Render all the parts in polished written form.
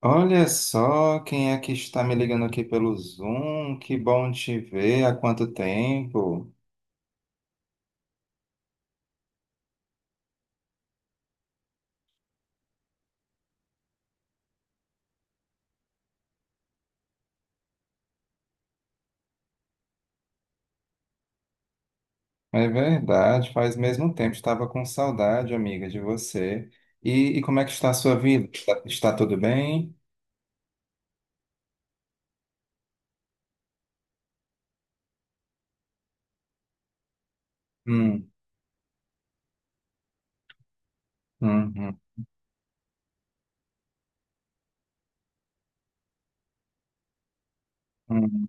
Olha só quem é que está me ligando aqui pelo Zoom. Que bom te ver. Há quanto tempo? É verdade, faz mesmo tempo. Estava com saudade, amiga, de você. E como é que está a sua vida? Está tudo bem? Hum, hum, hum, hum,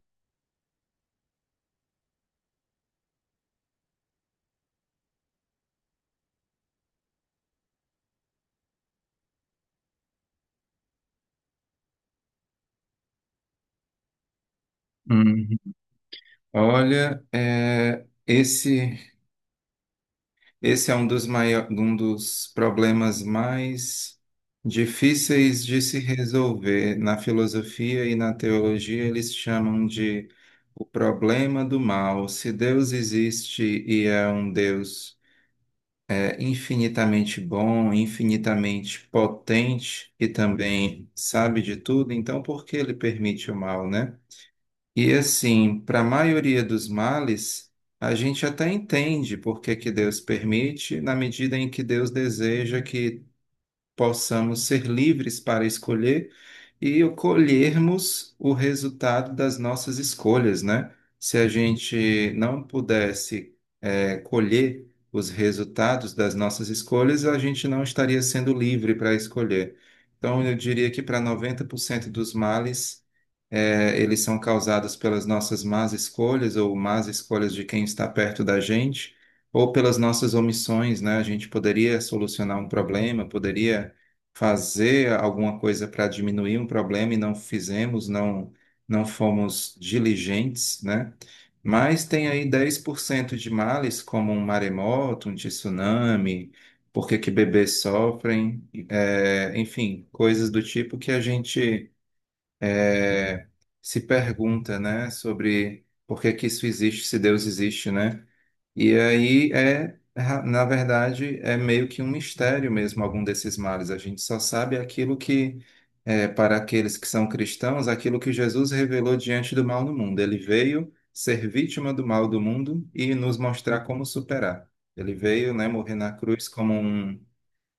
hum. Olha, é, esse. Esse é um dos, um dos problemas mais difíceis de se resolver. Na filosofia e na teologia, eles chamam de o problema do mal. Se Deus existe e é um Deus é, infinitamente bom, infinitamente potente e também sabe de tudo, então por que ele permite o mal, né? E assim, para a maioria dos males, a gente até entende por que que Deus permite, na medida em que Deus deseja que possamos ser livres para escolher e colhermos o resultado das nossas escolhas, né? Se a gente não pudesse é, colher os resultados das nossas escolhas, a gente não estaria sendo livre para escolher. Então, eu diria que para 90% dos males, é, eles são causados pelas nossas más escolhas ou más escolhas de quem está perto da gente, ou pelas nossas omissões, né? A gente poderia solucionar um problema, poderia fazer alguma coisa para diminuir um problema e não fizemos, não fomos diligentes, né? Mas tem aí 10% de males, como um maremoto, um tsunami, por que que bebês sofrem, é, enfim, coisas do tipo que a gente é, se pergunta, né, sobre por que que isso existe, se Deus existe, né? E aí é, na verdade, é meio que um mistério mesmo algum desses males. A gente só sabe aquilo que, é, para aqueles que são cristãos, aquilo que Jesus revelou diante do mal no mundo. Ele veio ser vítima do mal do mundo e nos mostrar como superar. Ele veio, né, morrer na cruz como um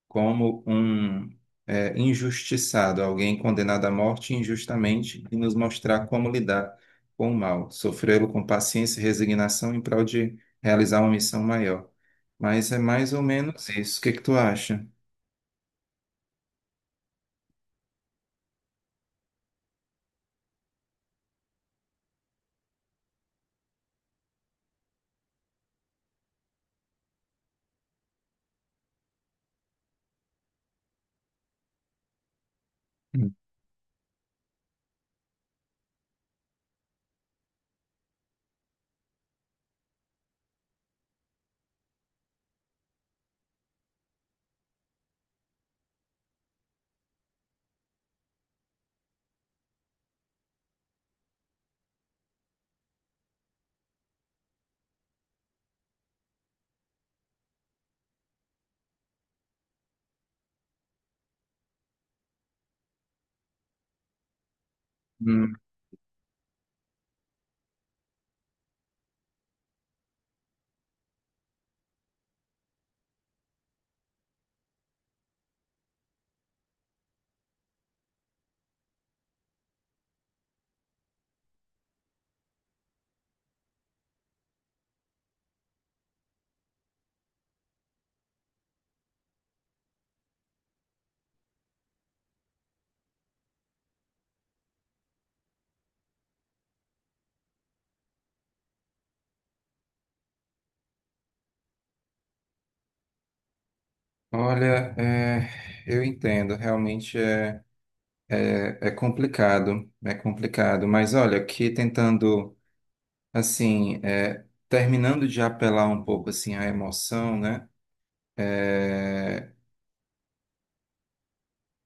como um é, injustiçado, alguém condenado à morte injustamente, e nos mostrar como lidar com o mal, sofrê-lo com paciência e resignação em prol de realizar uma missão maior. Mas é mais ou menos isso. O que que tu acha? Hum, hum. Olha, é, eu entendo, realmente é, é, é complicado, mas olha, aqui tentando, assim, é, terminando de apelar um pouco, assim, à emoção, né, é,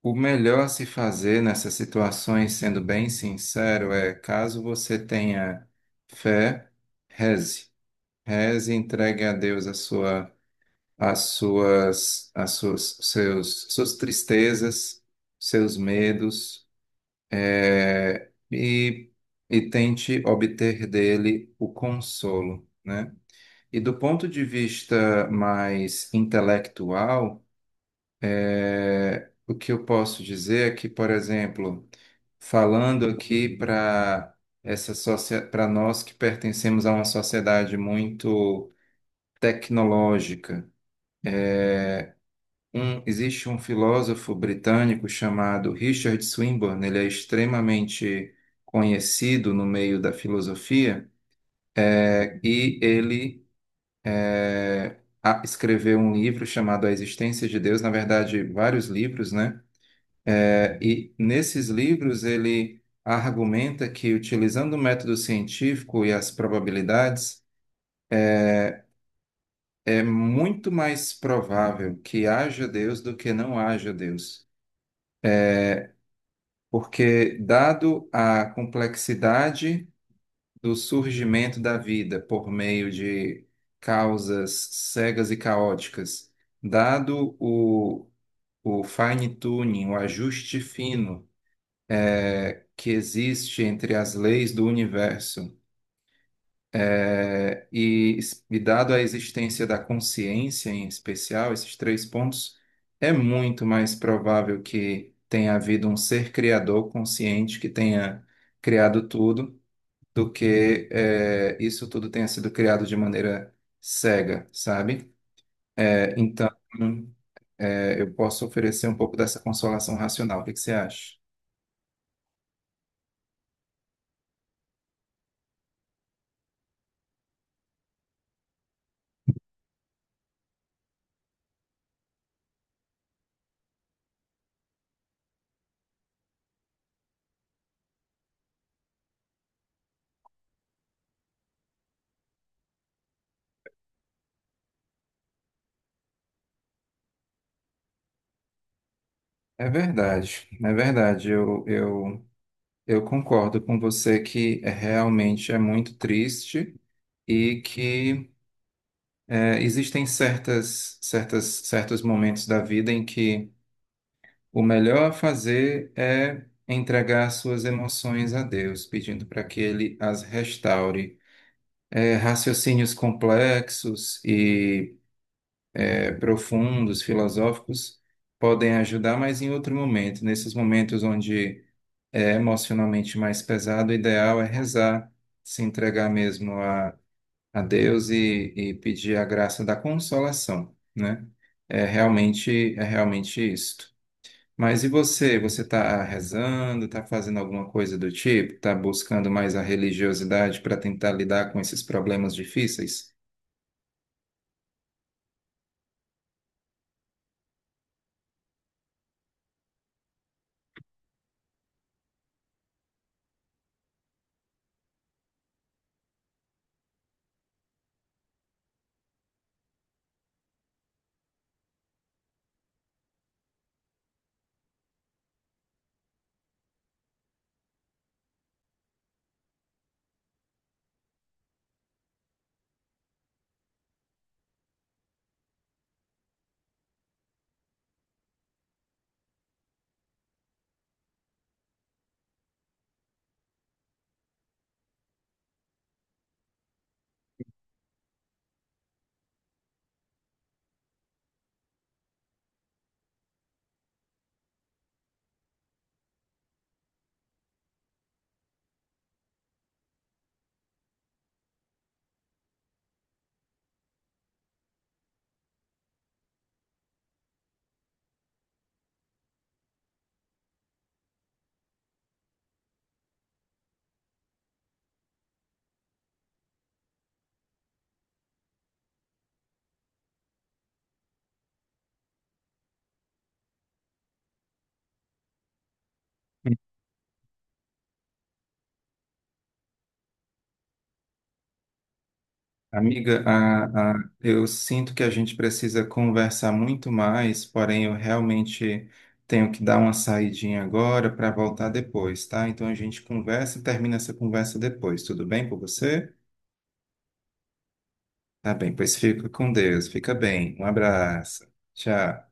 o melhor a se fazer nessas situações, sendo bem sincero, é caso você tenha fé, reze. Reze, entregue a Deus a sua, as suas, seus, suas tristezas, seus medos, é, e tente obter dele o consolo, né? E do ponto de vista mais intelectual, é, o que eu posso dizer é que, por exemplo, falando aqui para essa para nós que pertencemos a uma sociedade muito tecnológica, existe um filósofo britânico chamado Richard Swinburne, ele é extremamente conhecido no meio da filosofia, é, e ele é, escreveu um livro chamado A Existência de Deus, na verdade, vários livros, né? E nesses livros ele argumenta que utilizando o método científico e as probabilidades é muito mais provável que haja Deus do que não haja Deus, porque dado a complexidade do surgimento da vida por meio de causas cegas e caóticas, dado o fine-tuning, o ajuste fino que existe entre as leis do universo é, e dado a existência da consciência em especial, esses três pontos, é muito mais provável que tenha havido um ser criador consciente que tenha criado tudo, do que eh, isso tudo tenha sido criado de maneira cega, sabe? Eh, então, eh, eu posso oferecer um pouco dessa consolação racional. O que que você acha? É verdade, é verdade. Eu concordo com você que é, realmente é muito triste. E que é, existem certas, certas, certos momentos da vida em que o melhor a fazer é entregar suas emoções a Deus, pedindo para que Ele as restaure. É, raciocínios complexos e é, profundos, filosóficos, podem ajudar, mas em outro momento, nesses momentos onde é emocionalmente mais pesado, o ideal é rezar, se entregar mesmo a Deus e pedir a graça da consolação, né? É realmente isto. Mas e você? Você está rezando, está fazendo alguma coisa do tipo? Está buscando mais a religiosidade para tentar lidar com esses problemas difíceis? Amiga, eu sinto que a gente precisa conversar muito mais, porém eu realmente tenho que dar uma saidinha agora para voltar depois, tá? Então a gente conversa e termina essa conversa depois. Tudo bem com você? Tá bem, pois fica com Deus. Fica bem. Um abraço. Tchau.